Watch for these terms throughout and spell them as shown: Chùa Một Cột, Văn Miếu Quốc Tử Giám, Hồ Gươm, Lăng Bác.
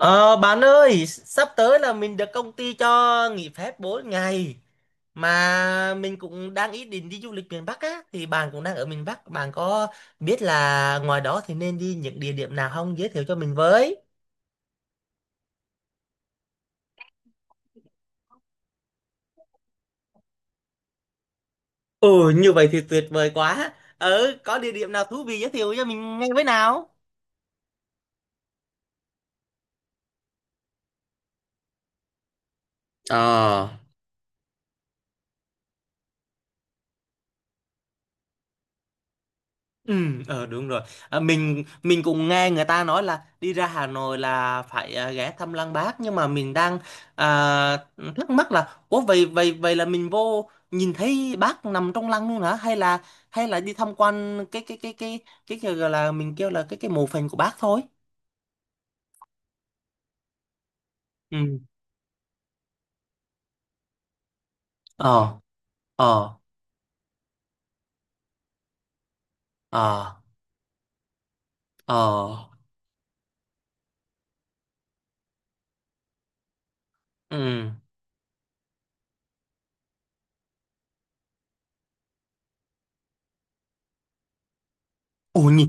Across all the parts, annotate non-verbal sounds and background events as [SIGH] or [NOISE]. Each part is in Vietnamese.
Ờ, bạn ơi, sắp tới là mình được công ty cho nghỉ phép 4 ngày mà mình cũng đang ý định đi du lịch miền Bắc á. Thì bạn cũng đang ở miền Bắc, bạn có biết là ngoài đó thì nên đi những địa điểm nào không, giới thiệu cho mình với? Ừ, như vậy thì tuyệt vời quá. Ờ, có địa điểm nào thú vị giới thiệu cho mình ngay với nào? Ừ, đúng rồi. À, mình cũng nghe người ta nói là đi ra Hà Nội là phải ghé thăm Lăng Bác, nhưng mà mình đang à, thắc mắc là ủa, vậy vậy vậy là mình vô nhìn thấy bác nằm trong lăng luôn hả, hay là đi tham quan cái gọi là mình kêu là cái mộ phần của bác thôi. Ừ. Ờ, ờ, ờ, ờ, ừ. Ủa,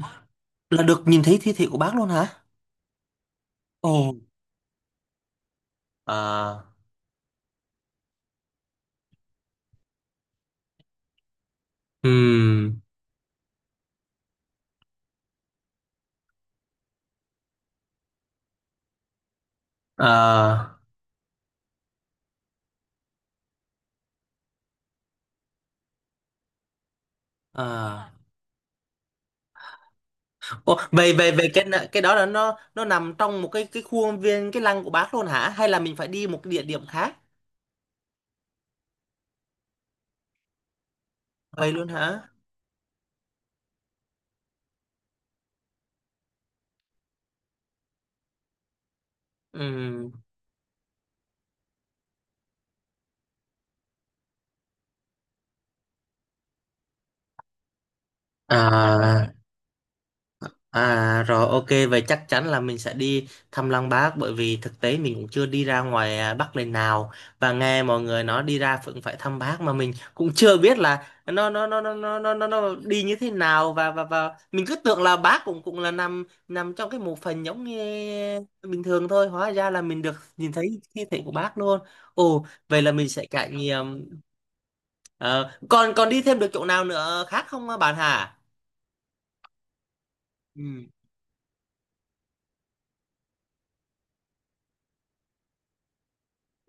là được nhìn thấy thi thể của bác luôn hả? Ồ. À. Ừ. À. À. Ồ, về về về cái đó là nó nằm trong một cái khuôn viên cái lăng của bác luôn hả? Hay là mình phải đi một cái địa điểm khác? Vậy luôn hả? Ừ. À. À rồi, ok, vậy chắc chắn là mình sẽ đi thăm Lăng Bác, bởi vì thực tế mình cũng chưa đi ra ngoài Bắc lần nào, và nghe mọi người nói đi ra cũng phải thăm Bác mà mình cũng [LAUGHS] chưa biết là nó đi như thế nào. Và mình cứ tưởng là Bác cũng cũng là nằm nằm trong cái mộ phần giống như bình thường thôi, hóa ra là mình được nhìn thấy thi thể của Bác luôn. Ồ, vậy là mình sẽ trải nghiệm. Ờ, còn còn đi thêm được chỗ nào nữa khác không bạn hả? Ừ.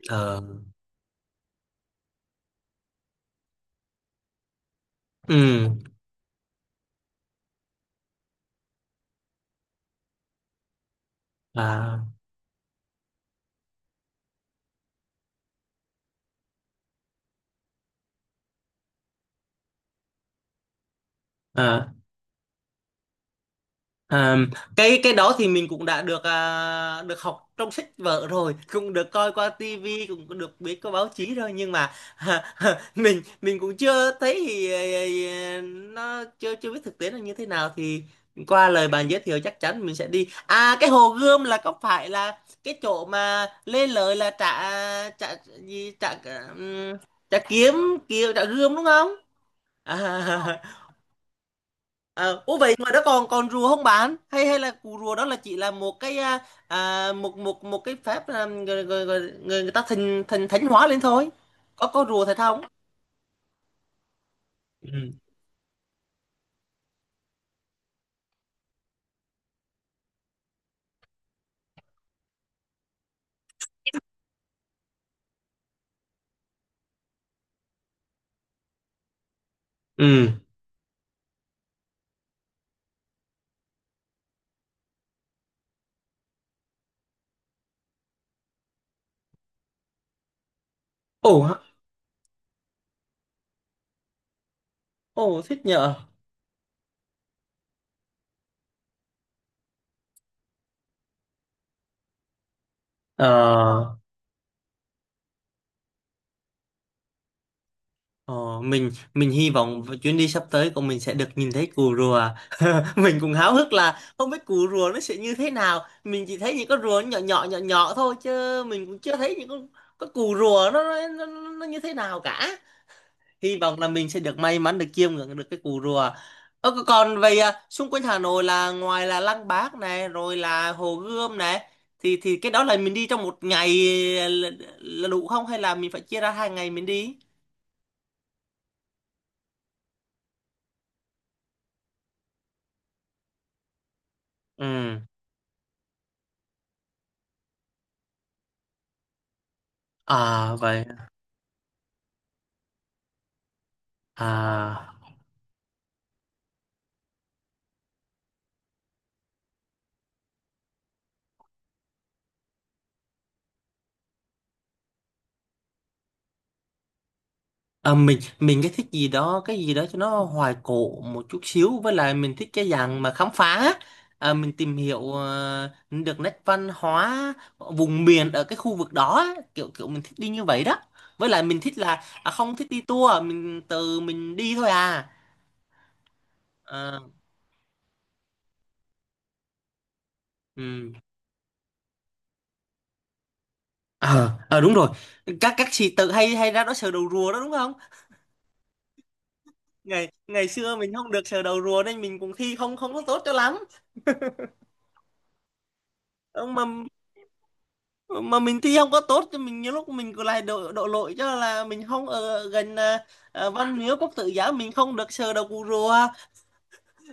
Ờ. Ừ. À. À, à, cái đó thì mình cũng đã được được học trong sách vở rồi, cũng được coi qua tivi, cũng được biết qua báo chí rồi, nhưng mà [LAUGHS] mình cũng chưa thấy thì à, nó chưa chưa biết thực tế là như thế nào. Thì qua lời bạn giới thiệu, chắc chắn mình sẽ đi. À, cái Hồ Gươm là có phải là cái chỗ mà lên lời là trả trả gì trả ừm, trả kiếm kiếm trả gươm đúng không? À. Ờ, ủa vậy ngoài đó còn còn rùa không bạn, hay hay là cù rùa đó là chỉ là một cái một một một cái phép người, người, người, người người ta thành thành thánh hóa lên thôi, có rùa thật không? Ừ. Ừ. Ồ, ồ, thích nhờ. ờ ờ, mình hy vọng chuyến đi sắp tới của mình sẽ được nhìn thấy cù rùa. [LAUGHS] Mình cũng háo hức là không biết cù rùa nó sẽ như thế nào, mình chỉ thấy những con rùa nhỏ nhỏ nhỏ nhỏ thôi, chứ mình cũng chưa thấy những con cù rùa nó nó như thế nào cả. Hy vọng là mình sẽ được may mắn được chiêm ngưỡng được cái cù rùa. Ơ, còn về xung quanh Hà Nội, là ngoài là Lăng Bác này rồi là Hồ Gươm này, thì cái đó là mình đi trong một ngày là, là đủ không, hay là mình phải chia ra 2 ngày mình đi? Ừ. À vậy. À À, mình thích gì đó, cái gì đó cho nó hoài cổ một chút xíu, với lại mình thích cái dạng mà khám phá, mình tìm hiểu được nét văn hóa vùng miền ở cái khu vực đó á. Kiểu kiểu mình thích đi như vậy đó. Với lại mình thích là không thích đi tour, mình tự mình đi thôi à. Ờ, ừ. Ờ, đúng rồi. Các sĩ tử hay hay ra đó sờ đầu rùa đó đúng không? Ngày ngày xưa mình không được sờ đầu rùa nên mình cũng thi không không có tốt cho lắm. Ờ, mà mình thi không có tốt thì mình nhiều lúc mình cứ lại đổ đổ lỗi cho là mình không ở gần Văn Miếu Quốc Tử Giám, mình không được sờ đầu cụ rùa.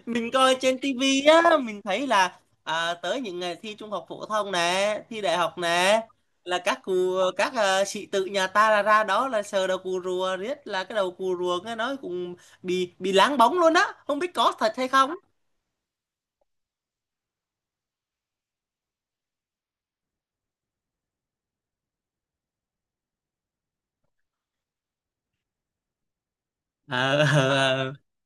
Mình coi trên tivi á, mình thấy là tới những ngày thi trung học phổ thông nè, thi đại học nè, là các cụ, các sĩ tử nhà ta là ra đó là sờ đầu cụ rùa riết là cái đầu cụ rùa nghe nói cũng bị láng bóng luôn á, không biết có thật hay không. Ờ, ờ, ờ. [LAUGHS]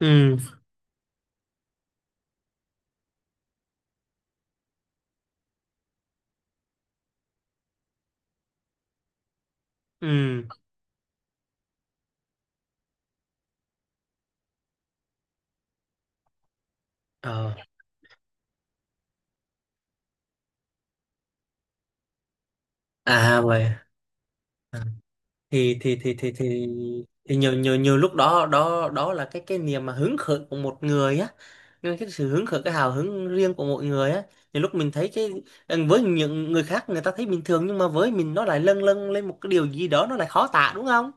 Ừ. Ừ. Ờ. À vậy. Thì thì nhiều nhiều nhiều lúc đó đó đó là cái niềm mà hứng khởi của một người á, nhưng cái sự hứng khởi, cái hào hứng riêng của mỗi người á. Nhiều lúc mình thấy cái, với những người khác người ta thấy bình thường, nhưng mà với mình nó lại lâng lâng lên một cái điều gì đó, nó lại khó tả đúng không?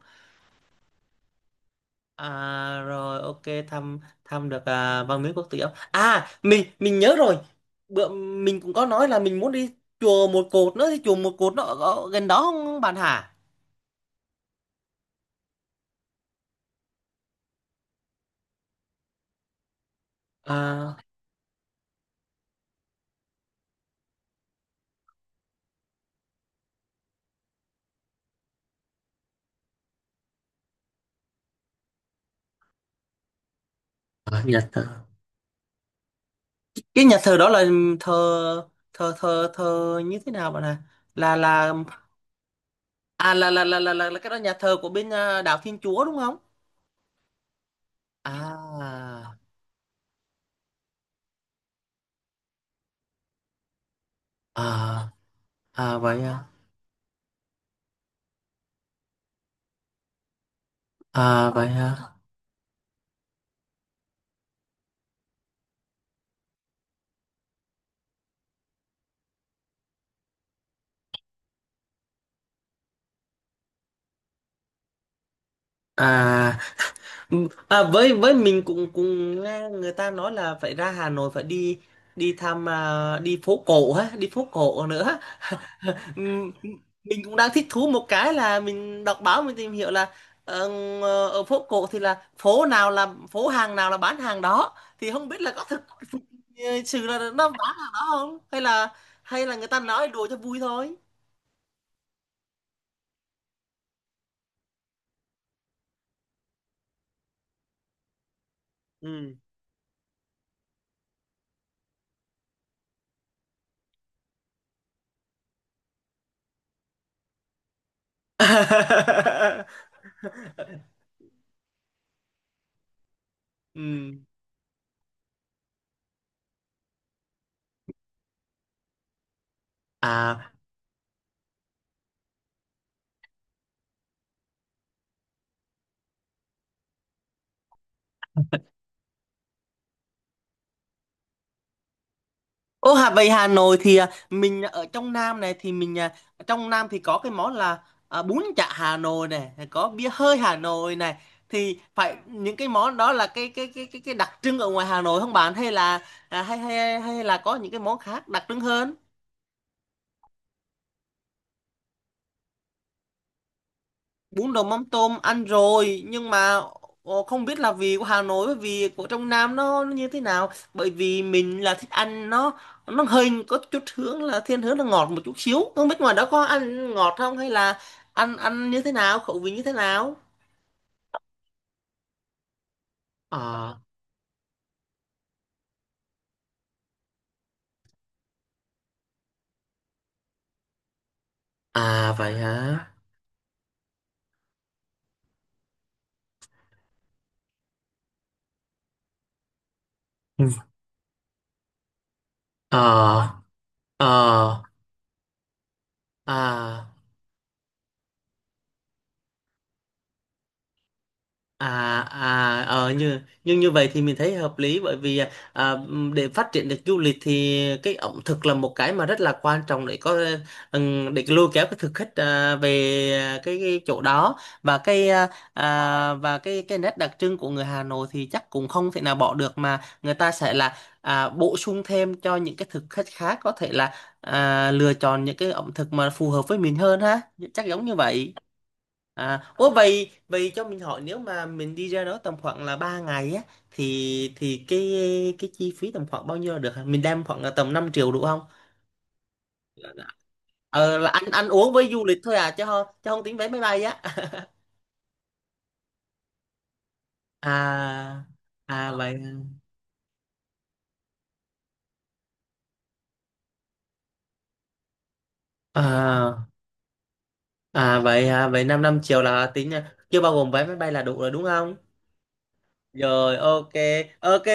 À rồi, ok. thăm Thăm được Văn Miếu Quốc Tử Giám, à mình nhớ rồi. Bữa mình cũng có nói là mình muốn đi Chùa Một Cột nữa, thì Chùa Một Cột nó ở, ở gần đó không bạn hả? À. À. Dạ. Cái nhà thờ đó là thờ thờ thờ như thế nào bạn à, là à là cái đó, nhà thờ của bên đạo Thiên Chúa đúng không? À. À. À vậy à. À vậy à. À. Ừ. À, với mình cũng cũng nghe người ta nói là phải ra Hà Nội phải đi, đi thăm đi phố cổ ha, đi phố cổ nữa. [LAUGHS] Ừ, mình cũng đang thích thú một cái là mình đọc báo mình tìm hiểu là ờ, ở phố cổ thì là phố nào, là phố hàng nào là bán hàng đó, thì không biết là có thực [LAUGHS] thực sự là nó bán hàng đó không, hay là người ta nói đùa cho vui thôi. Ừ. [LAUGHS] Ừ. À. Ô, về Hà Nội thì mình ở trong Nam này thì mình trong Nam thì có cái món là bún chả Hà Nội này, rồi có bia hơi Hà Nội này, thì phải những cái món đó là cái đặc trưng ở ngoài Hà Nội không bạn, hay là à, hay, hay hay là có những cái món khác đặc trưng hơn? Bún đậu mắm tôm ăn rồi, nhưng mà không biết là vị của Hà Nội với vị của trong Nam nó như thế nào. Bởi vì mình là thích ăn nó hơi có chút hướng là thiên hướng là ngọt một chút xíu, không biết ngoài đó có ăn ngọt không hay là ăn ăn như thế nào, khẩu vị như thế nào. Ờ, à vậy hả? Ừ. Ờ, ờ, à. À. Nhưng như vậy thì mình thấy hợp lý, bởi vì à, để phát triển được du lịch thì cái ẩm thực là một cái mà rất là quan trọng để có để lôi kéo cái thực khách về cái chỗ đó. Và cái và cái nét đặc trưng của người Hà Nội thì chắc cũng không thể nào bỏ được, mà người ta sẽ là bổ sung thêm cho những cái thực khách khác, có thể là lựa chọn những cái ẩm thực mà phù hợp với mình hơn ha, chắc giống như vậy. À, ủa vậy, cho mình hỏi, nếu mà mình đi ra đó tầm khoảng là 3 ngày á, thì cái chi phí tầm khoảng bao nhiêu là được hả? Mình đem khoảng là tầm 5 triệu đủ không? Ờ, là ăn ăn uống với du lịch thôi à, chứ không, chứ không tính vé máy bay á. [LAUGHS] À. À vậy. À à, vậy 5 5 triệu là tính chưa bao gồm vé máy bay là đủ rồi đúng không? Rồi, ok. Ok.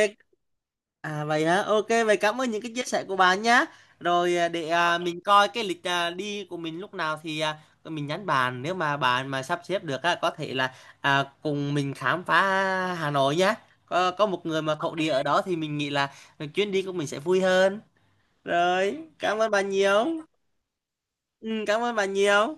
À vậy hả, ok, vậy cảm ơn những cái chia sẻ của bạn nhá. Rồi, để mình coi cái lịch đi của mình lúc nào thì mình nhắn bạn. Nếu mà bạn mà sắp xếp được á, có thể là cùng mình khám phá Hà Nội nhá. Có một người mà thổ địa ở đó thì mình nghĩ là chuyến đi của mình sẽ vui hơn. Rồi, cảm ơn bạn nhiều. Ừ, cảm ơn bạn nhiều.